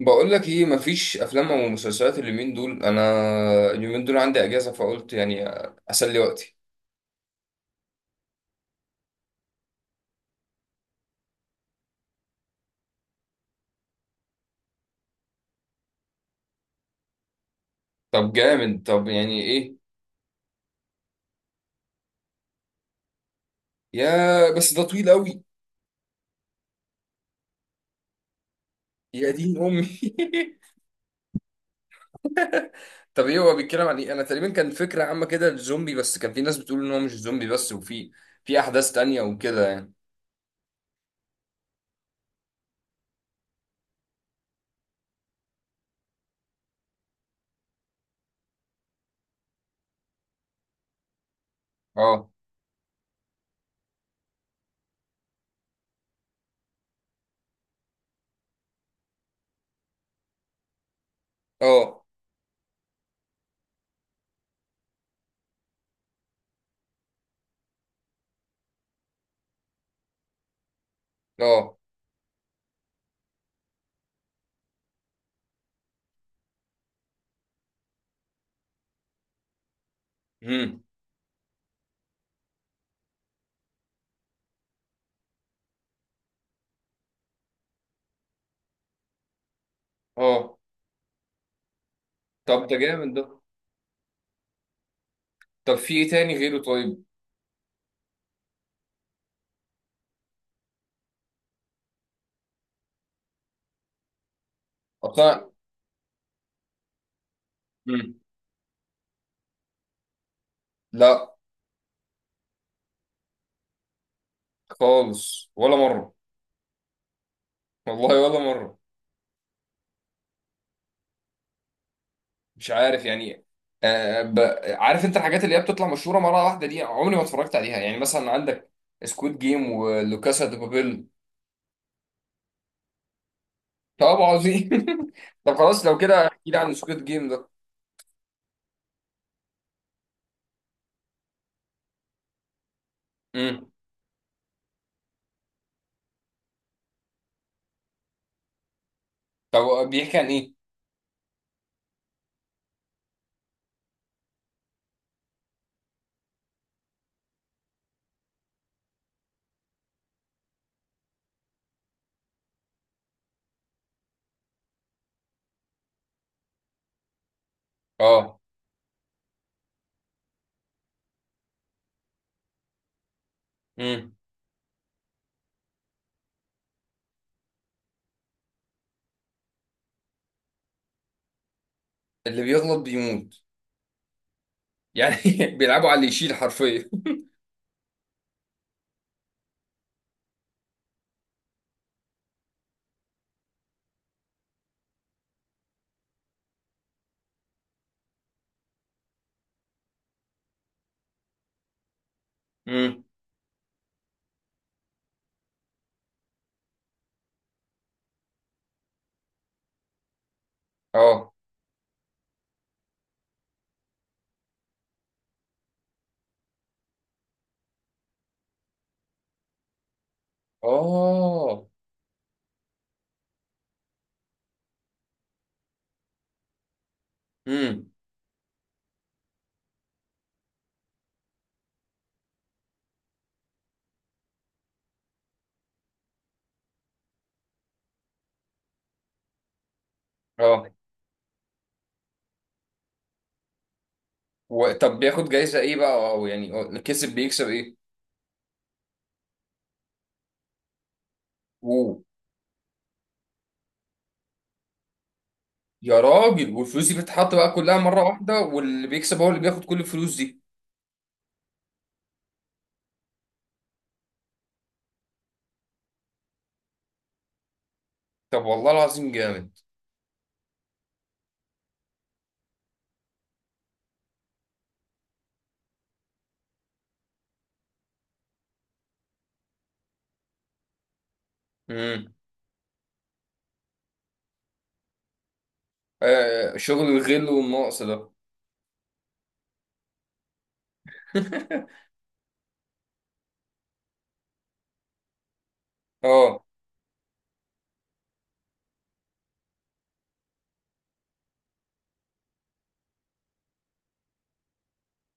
بقول لك ايه، مفيش افلام او مسلسلات اليومين دول. انا اليومين دول عندي اجازه، فقلت يعني اسلي وقتي. طب جامد. طب يعني ايه؟ يا بس ده طويل قوي. يا دين امي. طب ايه هو بيتكلم عن ايه؟ انا تقريبا كان فكره عامه كده الزومبي، بس كان في ناس بتقول ان هو مش زومبي بس، وفي احداث تانية وكده يعني. اه، اه، اه. امم. اه، طب ده جامد ده. طب في ايه تاني غيره؟ طيب. اصلا. مم. لا. خالص، ولا مره. والله، ولا مره. مش عارف يعني. آه ب... عارف انت الحاجات اللي هي بتطلع مشهوره مره واحده دي، عمري ما اتفرجت عليها، يعني مثلا عندك سكويد جيم ولوكاسا دي بابيل. طب عظيم. طب خلاص، لو كده احكي لي عن سكويد جيم ده. امم. طب بيحكي عن ايه؟ اه. امم. اللي بيغلط بيموت. يعني بيلعبوا على اللي يشيل حرفيا. امم. اه. اه. امم. اه. طب بياخد جايزه ايه بقى، او يعني بيكسب؟ ايه! يا راجل، والفلوس دي بتتحط بقى كلها مرة واحدة، واللي بيكسب هو اللي بياخد كل الفلوس دي. طب والله العظيم جامد. امم. آه، شغل الغل والنقص ده. اه.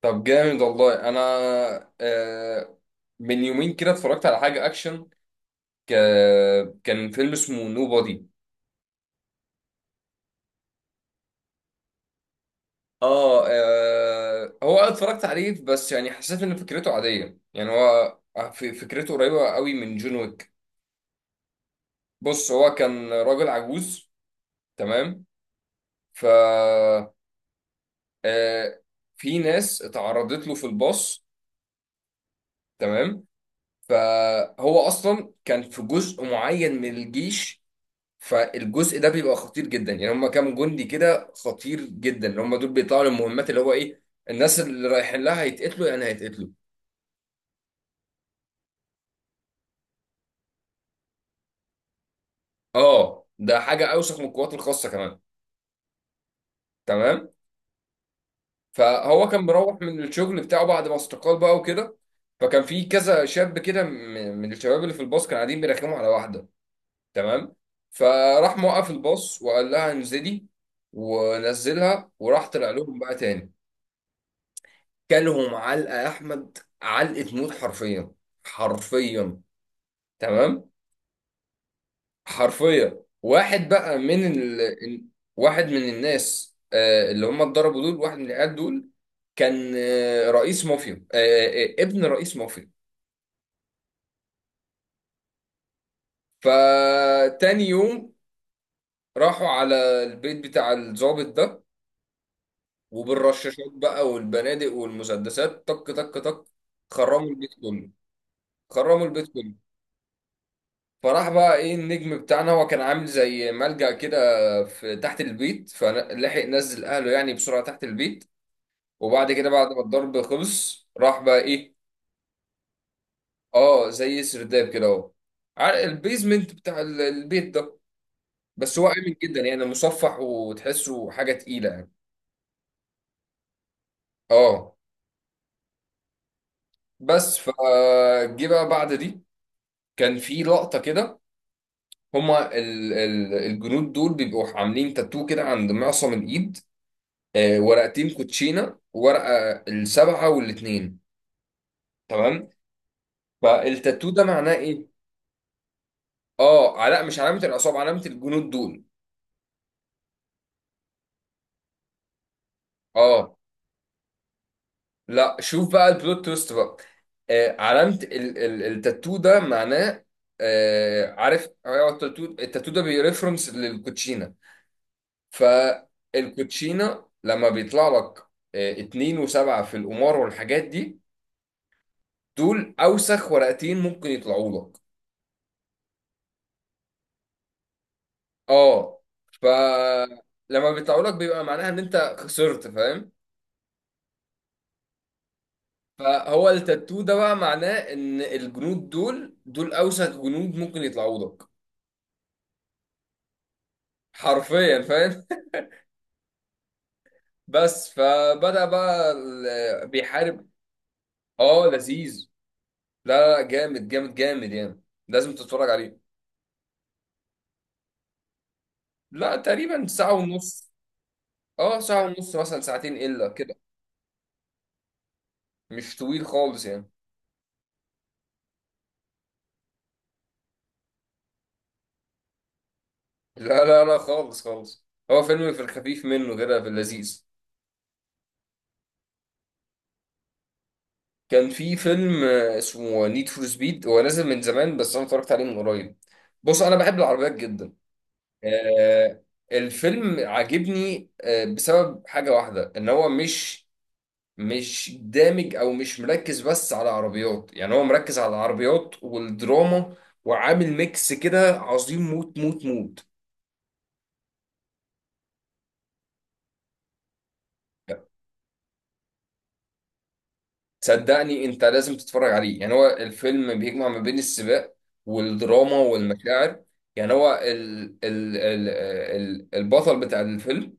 طب جامد والله. انا آه من يومين كده اتفرجت على حاجة اكشن. ك... كان فيلم اسمه نو بادي. هو أنا اتفرجت عليه، بس يعني حسيت ان فكرته عادية، يعني هو فكرته قريبة قوي من جون ويك. بص، هو كان راجل عجوز، تمام. ف آه، في ناس اتعرضت له في الباص، تمام. فهو اصلا كان في جزء معين من الجيش، فالجزء ده بيبقى خطير جدا، يعني هم كام جندي كده خطير جدا اللي هم دول بيطلعوا للمهمات، اللي هو ايه، الناس اللي رايحين لها هيتقتلوا، يعني هيتقتلوا. اه، ده حاجه اوسخ من القوات الخاصه كمان. تمام. فهو كان مروح من الشغل بتاعه بعد ما استقال بقى وكده. فكان في كذا شاب كده، من الشباب اللي في الباص كانوا قاعدين بيرخموا على واحده، تمام. فراح موقف الباص وقال لها انزلي، ونزلها، وراح طلع لهم بقى تاني. كلهم علقه يا احمد، علقه موت، حرفيا، حرفيا، تمام. حرفيا واحد بقى واحد من الناس، اللي هم اتضربوا دول، واحد من العيال دول كان آه، رئيس مافيا آه، آه، آه، ابن رئيس مافيا. فتاني يوم راحوا على البيت بتاع الضابط ده، وبالرشاشات بقى والبنادق والمسدسات، طك طك طك، خرموا البيت كله، خرموا البيت كله. فراح بقى ايه، النجم بتاعنا، هو كان عامل زي ملجأ كده في تحت البيت، فلحق نزل اهله يعني بسرعة تحت البيت. وبعد كده، بعد ما الضرب خلص، راح بقى ايه، اه، زي سرداب كده اهو، على البيزمنت بتاع البيت ده. بس هو آمن جدا، يعني مصفح، وتحسه حاجة تقيلة يعني. اه. بس فجه بقى بعد دي، كان في لقطة كده. هما ال ال الجنود دول بيبقوا عاملين تاتو كده عند معصم الايد، ورقتين كوتشينه، ورقه السبعه والاثنين، تمام. فالتاتو ده معناه ايه؟ اه، لا، مش علامه العصابه، علامه الجنود دول. اه، لا، شوف بقى البلوت تويست بقى. آه علامه ال ال التاتو ده معناه، عارف، هو التاتو ده بيرفرنس للكوتشينه. فالكوتشينه لما بيطلع لك اتنين وسبعة في القمار والحاجات دي، دول اوسخ ورقتين ممكن يطلعوا لك. اه. فلما بيطلعوا لك بيبقى معناها ان انت خسرت، فاهم. فهو التاتو ده بقى معناه ان الجنود دول، دول اوسخ جنود ممكن يطلعوا لك. حرفيا، فاهم. بس فبدأ بقى بيحارب. اه، لذيذ. لا لا، جامد جامد جامد يعني، لازم تتفرج عليه. لا تقريبا ساعة ونص. اه، ساعة ونص، مثلا ساعتين الا كده، مش طويل خالص يعني. لا لا لا، خالص خالص، هو فيلم في الخفيف منه كده في اللذيذ. كان في فيلم اسمه نيد فور سبيد، هو نازل من زمان بس انا اتفرجت عليه من قريب. بص انا بحب العربيات جدا. آه الفيلم عاجبني بسبب حاجة واحدة، ان هو مش دامج او مش مركز بس على عربيات، يعني هو مركز على العربيات والدراما، وعامل ميكس كده عظيم موت موت موت. صدقني انت لازم تتفرج عليه، يعني هو الفيلم بيجمع ما بين السباق والدراما والمشاعر. يعني هو ال ال ال ال البطل بتاع الفيلم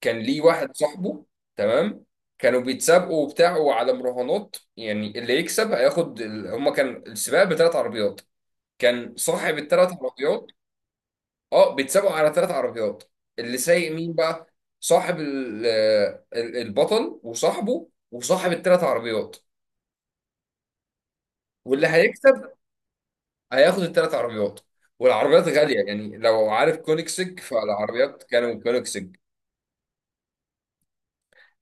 كان ليه واحد صاحبه، تمام. كانوا بيتسابقوا وبتاعوا على مراهنات، يعني اللي يكسب هياخد هما كان السباق بثلاث عربيات. كان صاحب الثلاث عربيات. اه، بيتسابقوا على ثلاث عربيات. اللي سايق مين بقى؟ صاحب البطل وصاحبه وصاحب الثلاث عربيات، واللي هيكسب هياخد الثلاث عربيات. والعربيات غالية، يعني لو عارف كونيكسج فالعربيات كانوا كونيكسج.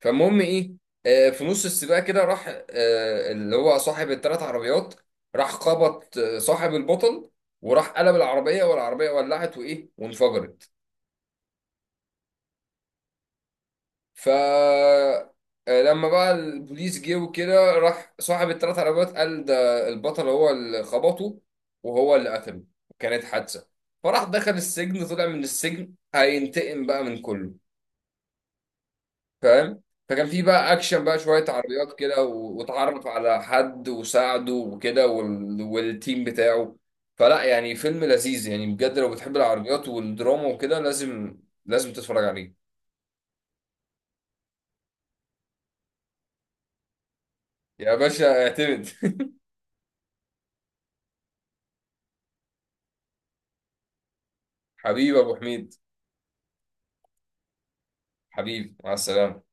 فالمهم ايه، في نص السباق كده راح، اللي هو صاحب الثلاث عربيات، راح خبط صاحب البطل، وراح قلب العربية، والعربية ولعت وايه وانفجرت. ف آه، لما بقى البوليس جه وكده، راح صاحب الثلاث عربيات قال ده البطل هو اللي خبطه وهو اللي قتله، كانت حادثة. فراح دخل السجن، طلع من السجن هينتقم بقى من كله، فاهم. فكان في بقى اكشن بقى، شوية عربيات كده، واتعرف على حد وساعده وكده والتيم بتاعه. فلا يعني فيلم لذيذ يعني، بجد لو بتحب العربيات والدراما وكده، لازم لازم تتفرج عليه. يا باشا، اعتمد. حبيبي ابو حميد. حبيبي، مع السلامة.